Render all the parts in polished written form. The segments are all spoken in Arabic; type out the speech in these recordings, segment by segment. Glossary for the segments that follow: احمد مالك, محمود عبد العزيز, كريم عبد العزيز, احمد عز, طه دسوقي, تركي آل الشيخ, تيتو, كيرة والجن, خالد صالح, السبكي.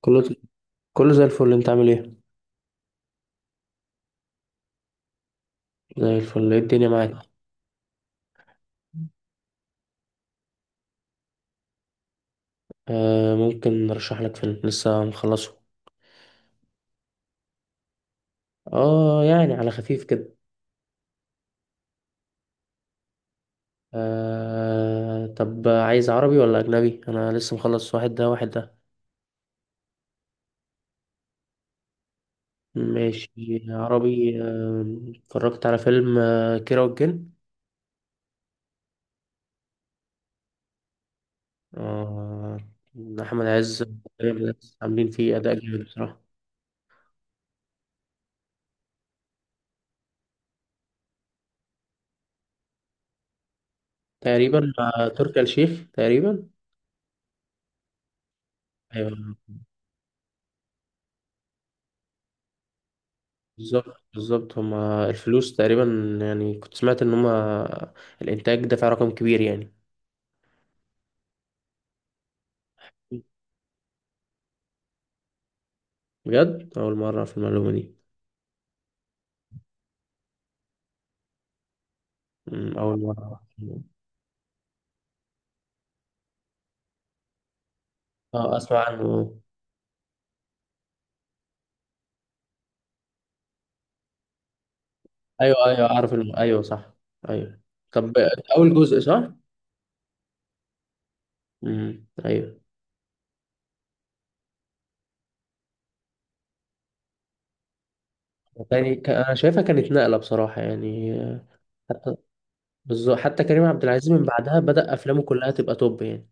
كله. كله زي الفل، انت عامل ايه؟ زي الفل، ايه الدنيا معاك؟ آه، ممكن نرشح لك فيلم، لسه مخلصه. اه يعني على خفيف كده. آه، طب عايز عربي ولا اجنبي؟ انا لسه مخلص واحد ده واحد ده. ماشي. عربي. اتفرجت على فيلم كيرة والجن. آه، احمد عز عاملين فيه اداء جامد بصراحه. تقريبا مع تركي آل الشيخ تقريبا. ايوه، بالظبط بالظبط هما الفلوس تقريبا. يعني كنت سمعت ان هما الانتاج دفع رقم كبير يعني. بجد، اول مره في المعلومه دي. اول مره. اه، اسمع عنه. ايوه، ايوه، اعرف ايوه صح، ايوه. طب، اول جزء صح؟ ايوه. يعني انا شايفها كانت نقله بصراحه يعني. حتى. بالظبط، حتى كريم عبد العزيز من بعدها بدأ افلامه كلها تبقى توب يعني.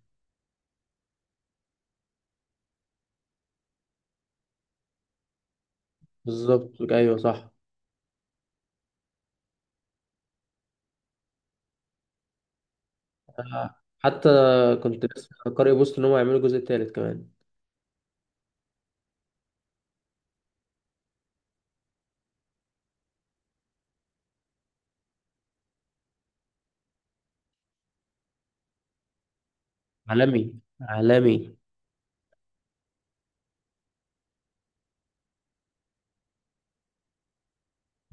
بالظبط، ايوه صح. حتى كنت لسه قارئ بوست ان هم يعملوا الجزء الثالث كمان. عالمي، عالمي.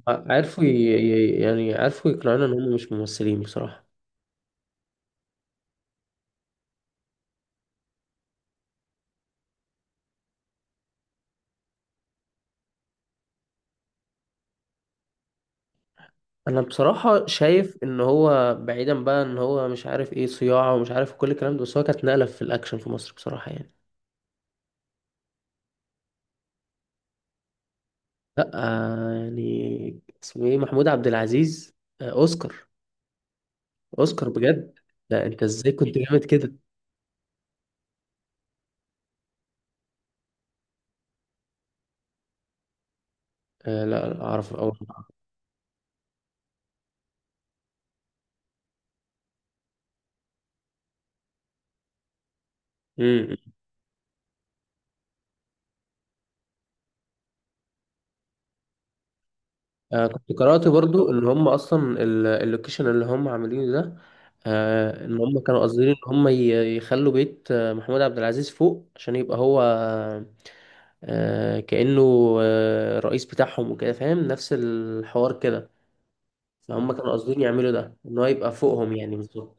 عرفوا يعني عرفوا يقنعونا ان هم مش ممثلين بصراحة. انا بصراحة شايف ان هو، بعيدا بقى ان هو مش عارف ايه صياعة ومش عارف كل الكلام ده، بس هو كانت نقلة في الاكشن في مصر بصراحة يعني. لا، يعني اسمه ايه؟ محمود عبد العزيز. اوسكار. اوسكار بجد. لا انت ازاي كنت جامد كده؟ لا لا، اعرف اول. كنت قرأت برضو إن هم أصلا اللوكيشن اللي هم عاملينه ده. إن هم كانوا قاصدين إن هم يخلوا بيت محمود عبد العزيز فوق عشان يبقى هو. كأنه رئيس بتاعهم وكده، فاهم؟ نفس الحوار كده. فهم كانوا قاصدين يعملوا ده، إن هو يبقى فوقهم، يعني بالظبط.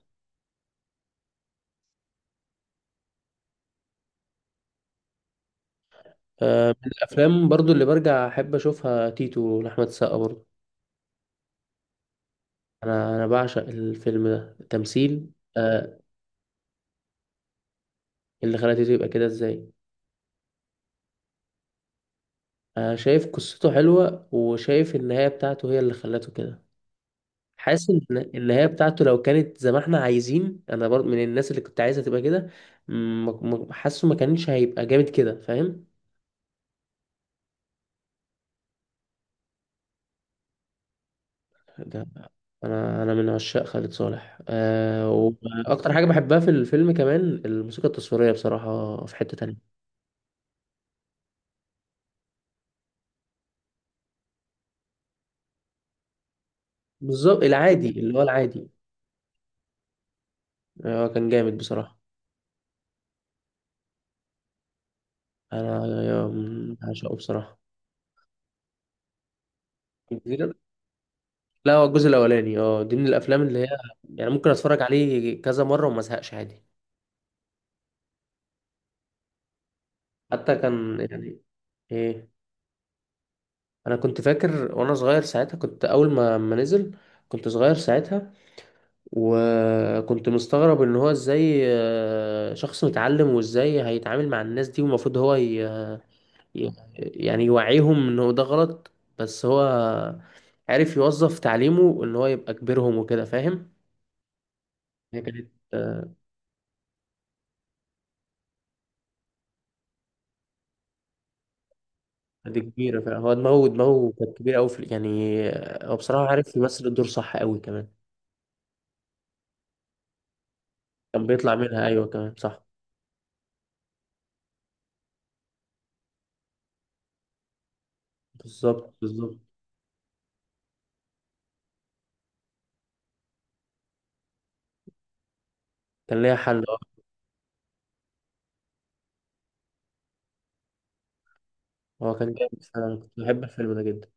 من الأفلام برضو اللي برجع أحب أشوفها، تيتو لأحمد السقا برضو. أنا بعشق الفيلم ده التمثيل. آه اللي خلى تيتو يبقى كده إزاي؟ انا شايف قصته حلوة، وشايف النهاية بتاعته هي اللي خلته كده. حاسس ان النهاية بتاعته لو كانت زي ما احنا عايزين، انا برضه من الناس اللي كنت عايزها تبقى كده. م- حاسه ما كانش هيبقى جامد كده، فاهم؟ ده انا من عشاق خالد صالح، واكتر حاجة بحبها في الفيلم كمان الموسيقى التصويرية بصراحة في حتة تانية. بالظبط، العادي اللي هو العادي. كان جامد بصراحة. انا عشقه بصراحة. لا، هو الجزء الاولاني دي من الافلام اللي هي يعني ممكن اتفرج عليه كذا مره وما ازهقش عادي. حتى كان يعني. ايه؟ انا كنت فاكر وانا صغير ساعتها، كنت اول ما نزل كنت صغير ساعتها، وكنت مستغرب ان هو ازاي، شخص متعلم وازاي هيتعامل مع الناس دي، والمفروض هو يعني يوعيهم انه ده غلط. بس هو عارف يوظف تعليمه ان هو يبقى كبيرهم وكده، فاهم؟ هي كانت دي كبيرة فعلا، هو دماغه دماغه كانت كبيرة أوي في يعني. هو بصراحة عارف يمثل الدور صح أوي كمان. كان بيطلع منها، أيوة كمان صح. بالظبط بالظبط. كان ليها حل، أه. هو كان جامد فعلا، كنت بحب الفيلم ده جدا.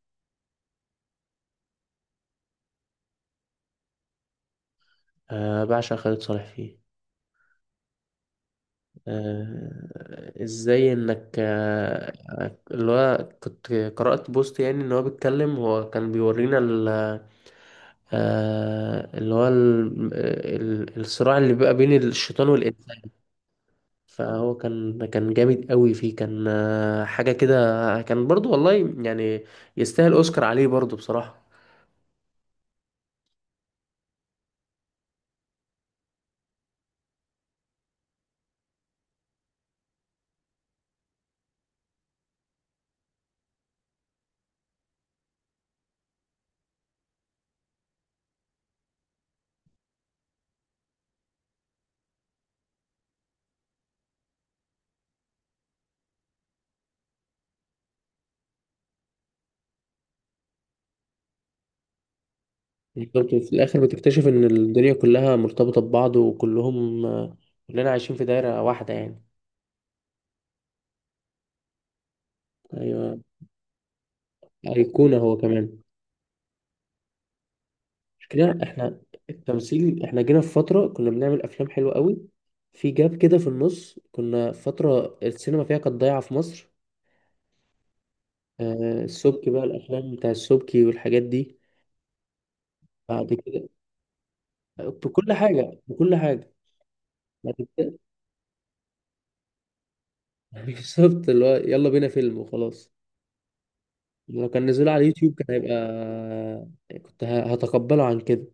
آه، بعشق خالد صالح فيه. آه، إزاي إنك اللي هو كنت قرأت بوست يعني إن هو بيتكلم، هو كان بيورينا اللي هو الصراع اللي بيبقى بين الشيطان والإنسان. فهو كان جامد قوي فيه، كان حاجة كده. كان برضو والله يعني. يستاهل أوسكار عليه برضو بصراحة. برضو في الآخر بتكتشف إن الدنيا كلها مرتبطة ببعض، وكلهم كلنا عايشين في دايرة واحدة يعني. أيوة، أيقونة هو كمان. كده إحنا التمثيل، إحنا جينا في فترة كنا بنعمل أفلام حلوة قوي. في جاب كده في النص كنا في فترة السينما فيها كانت ضايعة في مصر. السبكي بقى، الأفلام بتاع السبكي والحاجات دي. بعد كده، بكل حاجة بكل حاجة. ما تت- بالظبط، اللي هو يلا بينا فيلم وخلاص. لو كان نزله على اليوتيوب كان هيبقى هتقبله عن كده.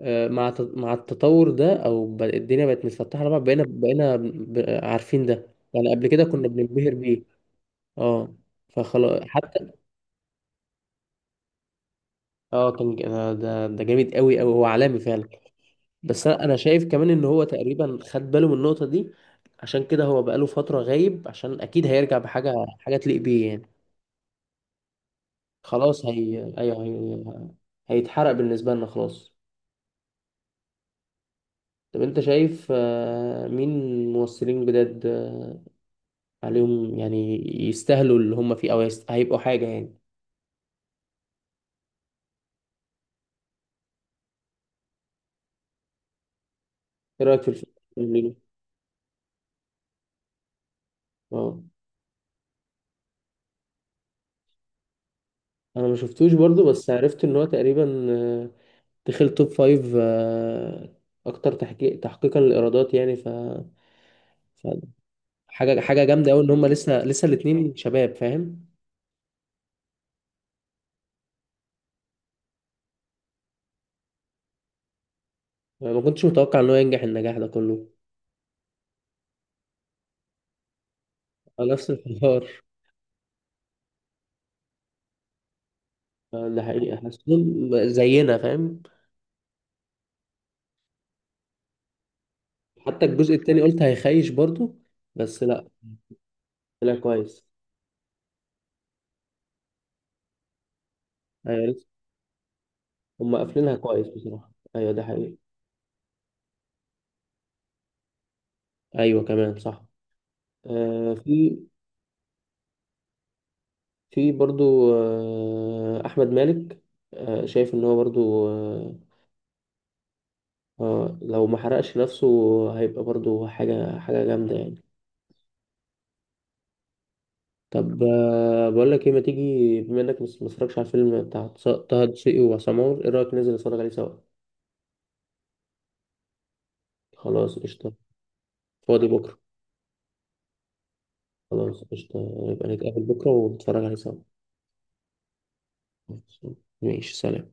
مع مع التطور ده، او الدنيا بقت متفتحة لبعض، بقينا عارفين ده، يعني قبل كده كنا بننبهر بيه. اه. فخلاص حتى. اه. كان ده جامد قوي قوي، هو عالمي فعلا. بس انا شايف كمان ان هو تقريبا خد باله من النقطة دي. عشان كده هو بقاله فترة غايب عشان اكيد هيرجع بحاجة، حاجة تليق بيه يعني. خلاص هي، ايوه هيتحرق بالنسبه لنا خلاص. طب انت شايف مين ممثلين جداد عليهم يعني، يستاهلوا اللي هم فيه او هيبقوا حاجه يعني. ايه رايك في الفيلم؟ اه، انا ما شفتوش برضو بس عرفت ان هو تقريبا دخل توب فايف اكتر تحقيق تحقيقا للايرادات يعني ف... حاجه حاجه جامده قوي ان هم لسه لسه الاتنين شباب، فاهم؟ ما كنتش متوقع ان هو ينجح النجاح ده كله. نفس الحوار. ده حقيقي حاسسهم زينا، فاهم؟ حتى الجزء التاني قلت هيخيش برضو، بس لا، طلع كويس. ايوه لسه. هم قافلينها كويس بصراحة، ايوه ده حقيقي. ايوه كمان صح. آه في في برضو احمد مالك. شايف ان هو برضو لو ما حرقش نفسه هيبقى برضو حاجة حاجة جامدة يعني. طب بقول لك ايه، ما تيجي بما انك ما اتفرجتش على الفيلم بتاع طه دسوقي وعصام عمر، ايه رأيك ننزل نتفرج عليه سوا؟ خلاص قشطة. فاضي بكرة؟ خلاص قشطة، يبقى نتقابل بكرة ونتفرج عليه سوا. ماشي، سلام.